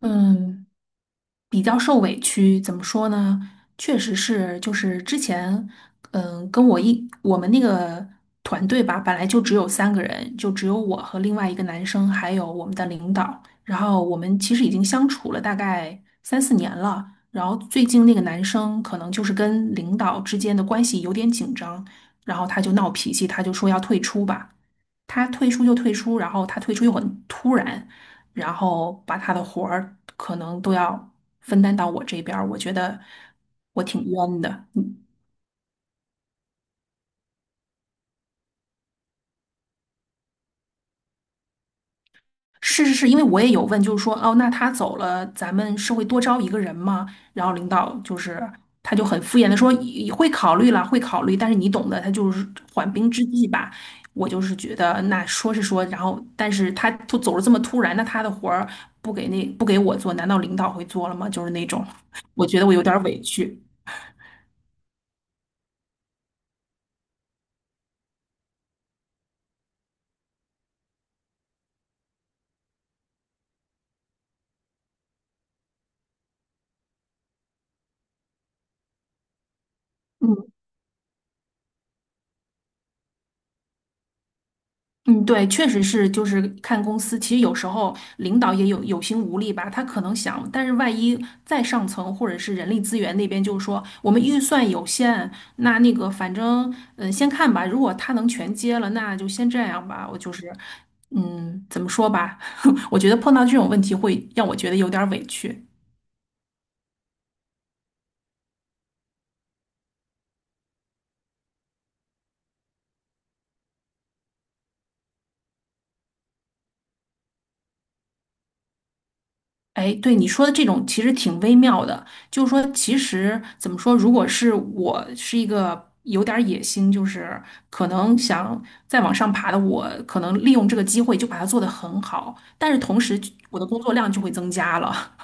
嗯，比较受委屈，怎么说呢？确实是，就是之前，嗯，跟我一我们那个团队吧，本来就只有3个人，就只有我和另外一个男生，还有我们的领导。然后我们其实已经相处了大概3、4年了。然后最近那个男生可能就是跟领导之间的关系有点紧张，然后他就闹脾气，他就说要退出吧。他退出就退出，然后他退出又很突然，然后把他的活儿可能都要分担到我这边儿，我觉得我挺冤的。嗯。是是是，因为我也有问，就是说，哦，那他走了，咱们是会多招一个人吗？然后领导就是他就很敷衍的说，也会考虑了，会考虑，但是你懂的，他就是缓兵之计吧。我就是觉得，那说是说，然后，但是他突走了这么突然，那他的活儿不给我做，难道领导会做了吗？就是那种，我觉得我有点儿委屈。嗯。嗯，对，确实是，就是看公司。其实有时候领导也有心无力吧，他可能想，但是万一再上层或者是人力资源那边就是说，我们预算有限，那个反正先看吧。如果他能全接了，那就先这样吧。我就是嗯，怎么说吧，我觉得碰到这种问题会让我觉得有点儿委屈。哎，对你说的这种其实挺微妙的，就是说，其实怎么说，如果是我是一个有点儿野心，就是可能想再往上爬的我，可能利用这个机会就把它做得很好，但是同时我的工作量就会增加了。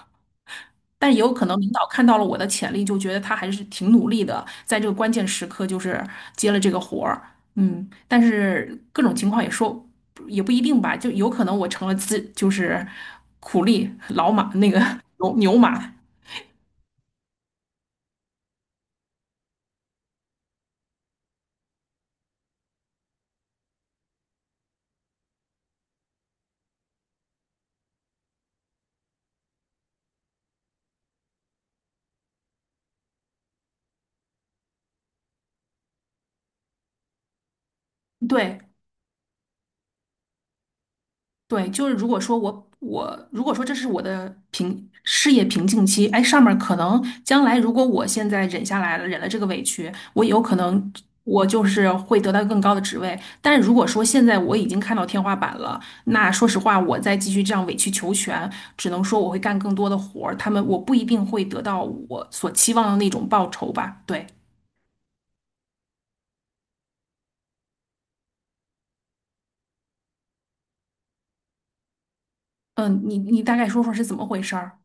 但也有可能领导看到了我的潜力，就觉得他还是挺努力的，在这个关键时刻就是接了这个活儿，嗯，但是各种情况也说也不一定吧，就有可能我成了自就是苦力老马那个牛牛马，对，对，就是如果说我如果说这是我的平事业瓶颈期，哎，上面儿可能将来如果我现在忍下来了，忍了这个委屈，我有可能我就是会得到更高的职位。但是如果说现在我已经看到天花板了，那说实话，我再继续这样委曲求全，只能说我会干更多的活儿，他们我不一定会得到我所期望的那种报酬吧。对，嗯，你你大概说说是怎么回事儿？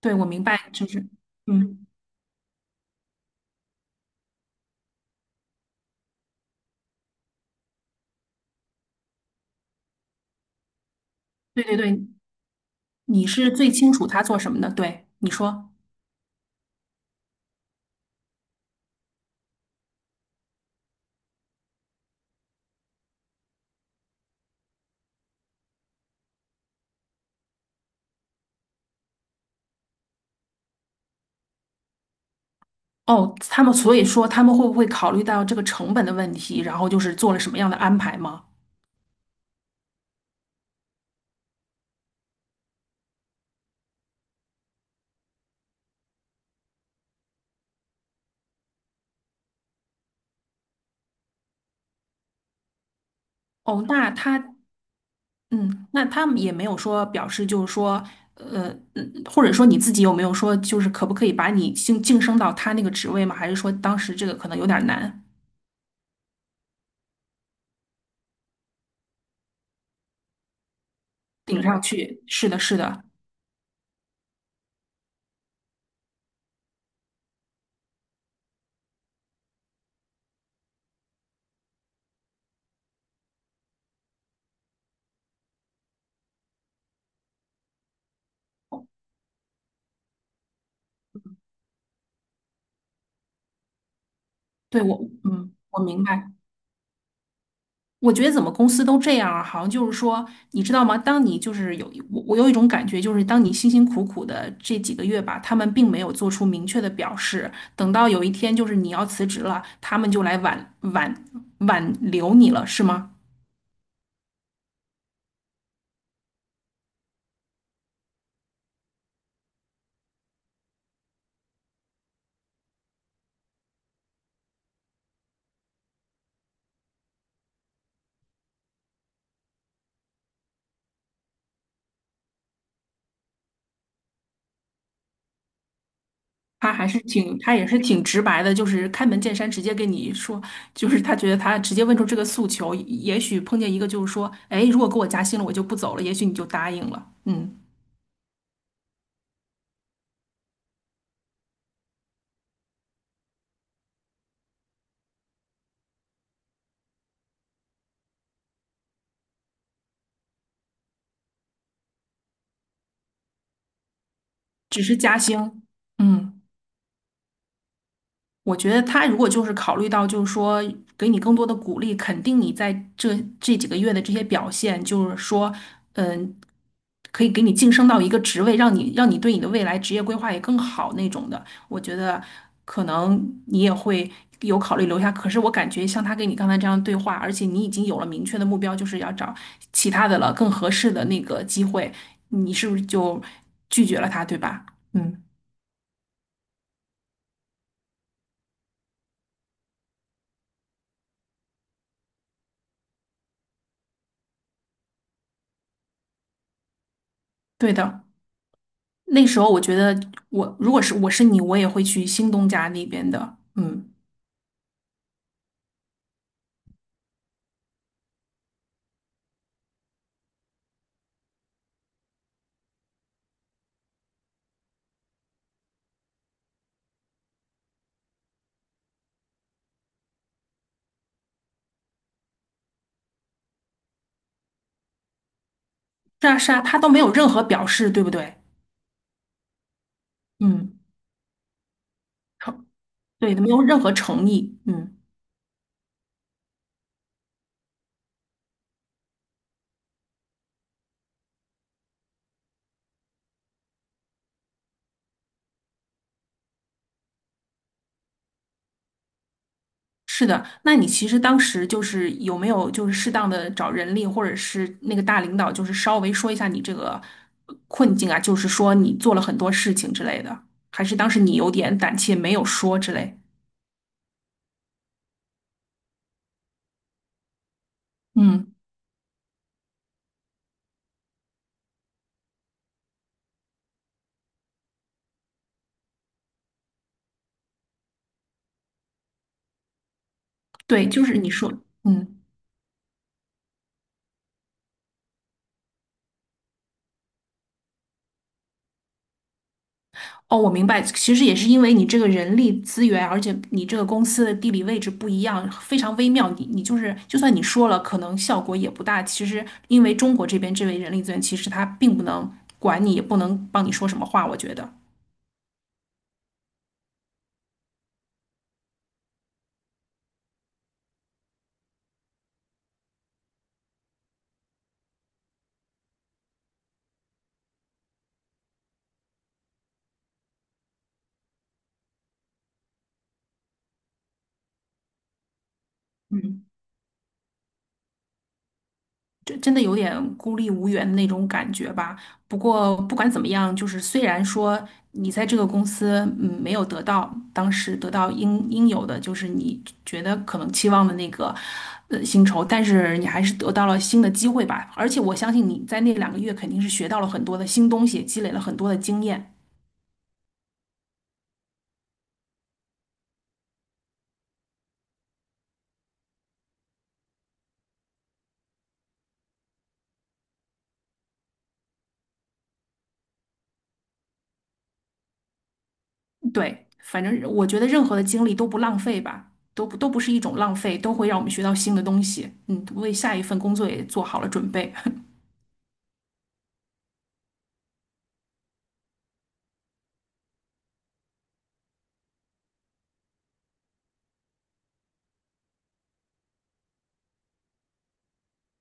对，我明白，就是，嗯，对对对，你是最清楚他做什么的，对，你说。哦，他们所以说他们会不会考虑到这个成本的问题，然后就是做了什么样的安排吗？哦，那他，嗯，那他们也没有说表示，就是说，嗯或者说你自己有没有说，就是可不可以把你晋升到他那个职位吗？还是说当时这个可能有点难顶上去？是的，是的，对我，嗯，我明白。我觉得怎么公司都这样啊，好像就是说，你知道吗？当你就是有我，我有一种感觉，就是当你辛辛苦苦的这几个月吧，他们并没有做出明确的表示。等到有一天就是你要辞职了，他们就来挽留你了，是吗？他还是挺，他也是挺直白的，就是开门见山，直接跟你说，就是他觉得他直接问出这个诉求，也许碰见一个就是说，哎，如果给我加薪了，我就不走了，也许你就答应了，嗯，只是加薪，嗯。我觉得他如果就是考虑到，就是说给你更多的鼓励，肯定你在这这几个月的这些表现，就是说，嗯，可以给你晋升到一个职位，让你对你的未来职业规划也更好那种的。我觉得可能你也会有考虑留下。可是我感觉像他跟你刚才这样对话，而且你已经有了明确的目标，就是要找其他的了，更合适的那个机会，你是不是就拒绝了他，对吧？嗯，对的。那时候我觉得我是你，我也会去新东家那边的。嗯，是啊是啊，他都没有任何表示，对不对？嗯，对，没有任何诚意。嗯，是的。那你其实当时就是有没有就是适当的找人力或者是那个大领导，就是稍微说一下你这个困境啊，就是说你做了很多事情之类的，还是当时你有点胆怯没有说之类？嗯，对，就是你说，嗯。哦，我明白，其实也是因为你这个人力资源，而且你这个公司的地理位置不一样，非常微妙。你你就是，就算你说了，可能效果也不大。其实因为中国这边这位人力资源，其实他并不能管你，也不能帮你说什么话，我觉得。嗯，这真的有点孤立无援的那种感觉吧。不过不管怎么样，就是虽然说你在这个公司嗯没有得到当时得到应有的，就是你觉得可能期望的那个薪酬，但是你还是得到了新的机会吧。而且我相信你在那2个月肯定是学到了很多的新东西，积累了很多的经验。对，反正我觉得任何的经历都不浪费吧，都不是一种浪费，都会让我们学到新的东西。嗯，为下一份工作也做好了准备。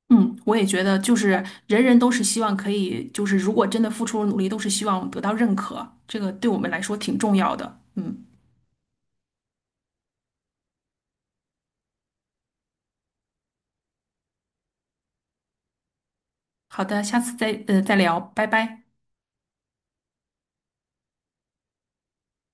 嗯，我也觉得，就是人人都是希望可以，就是如果真的付出了努力，都是希望得到认可，这个对我们来说挺重要的。嗯，好的，下次再再聊，拜拜。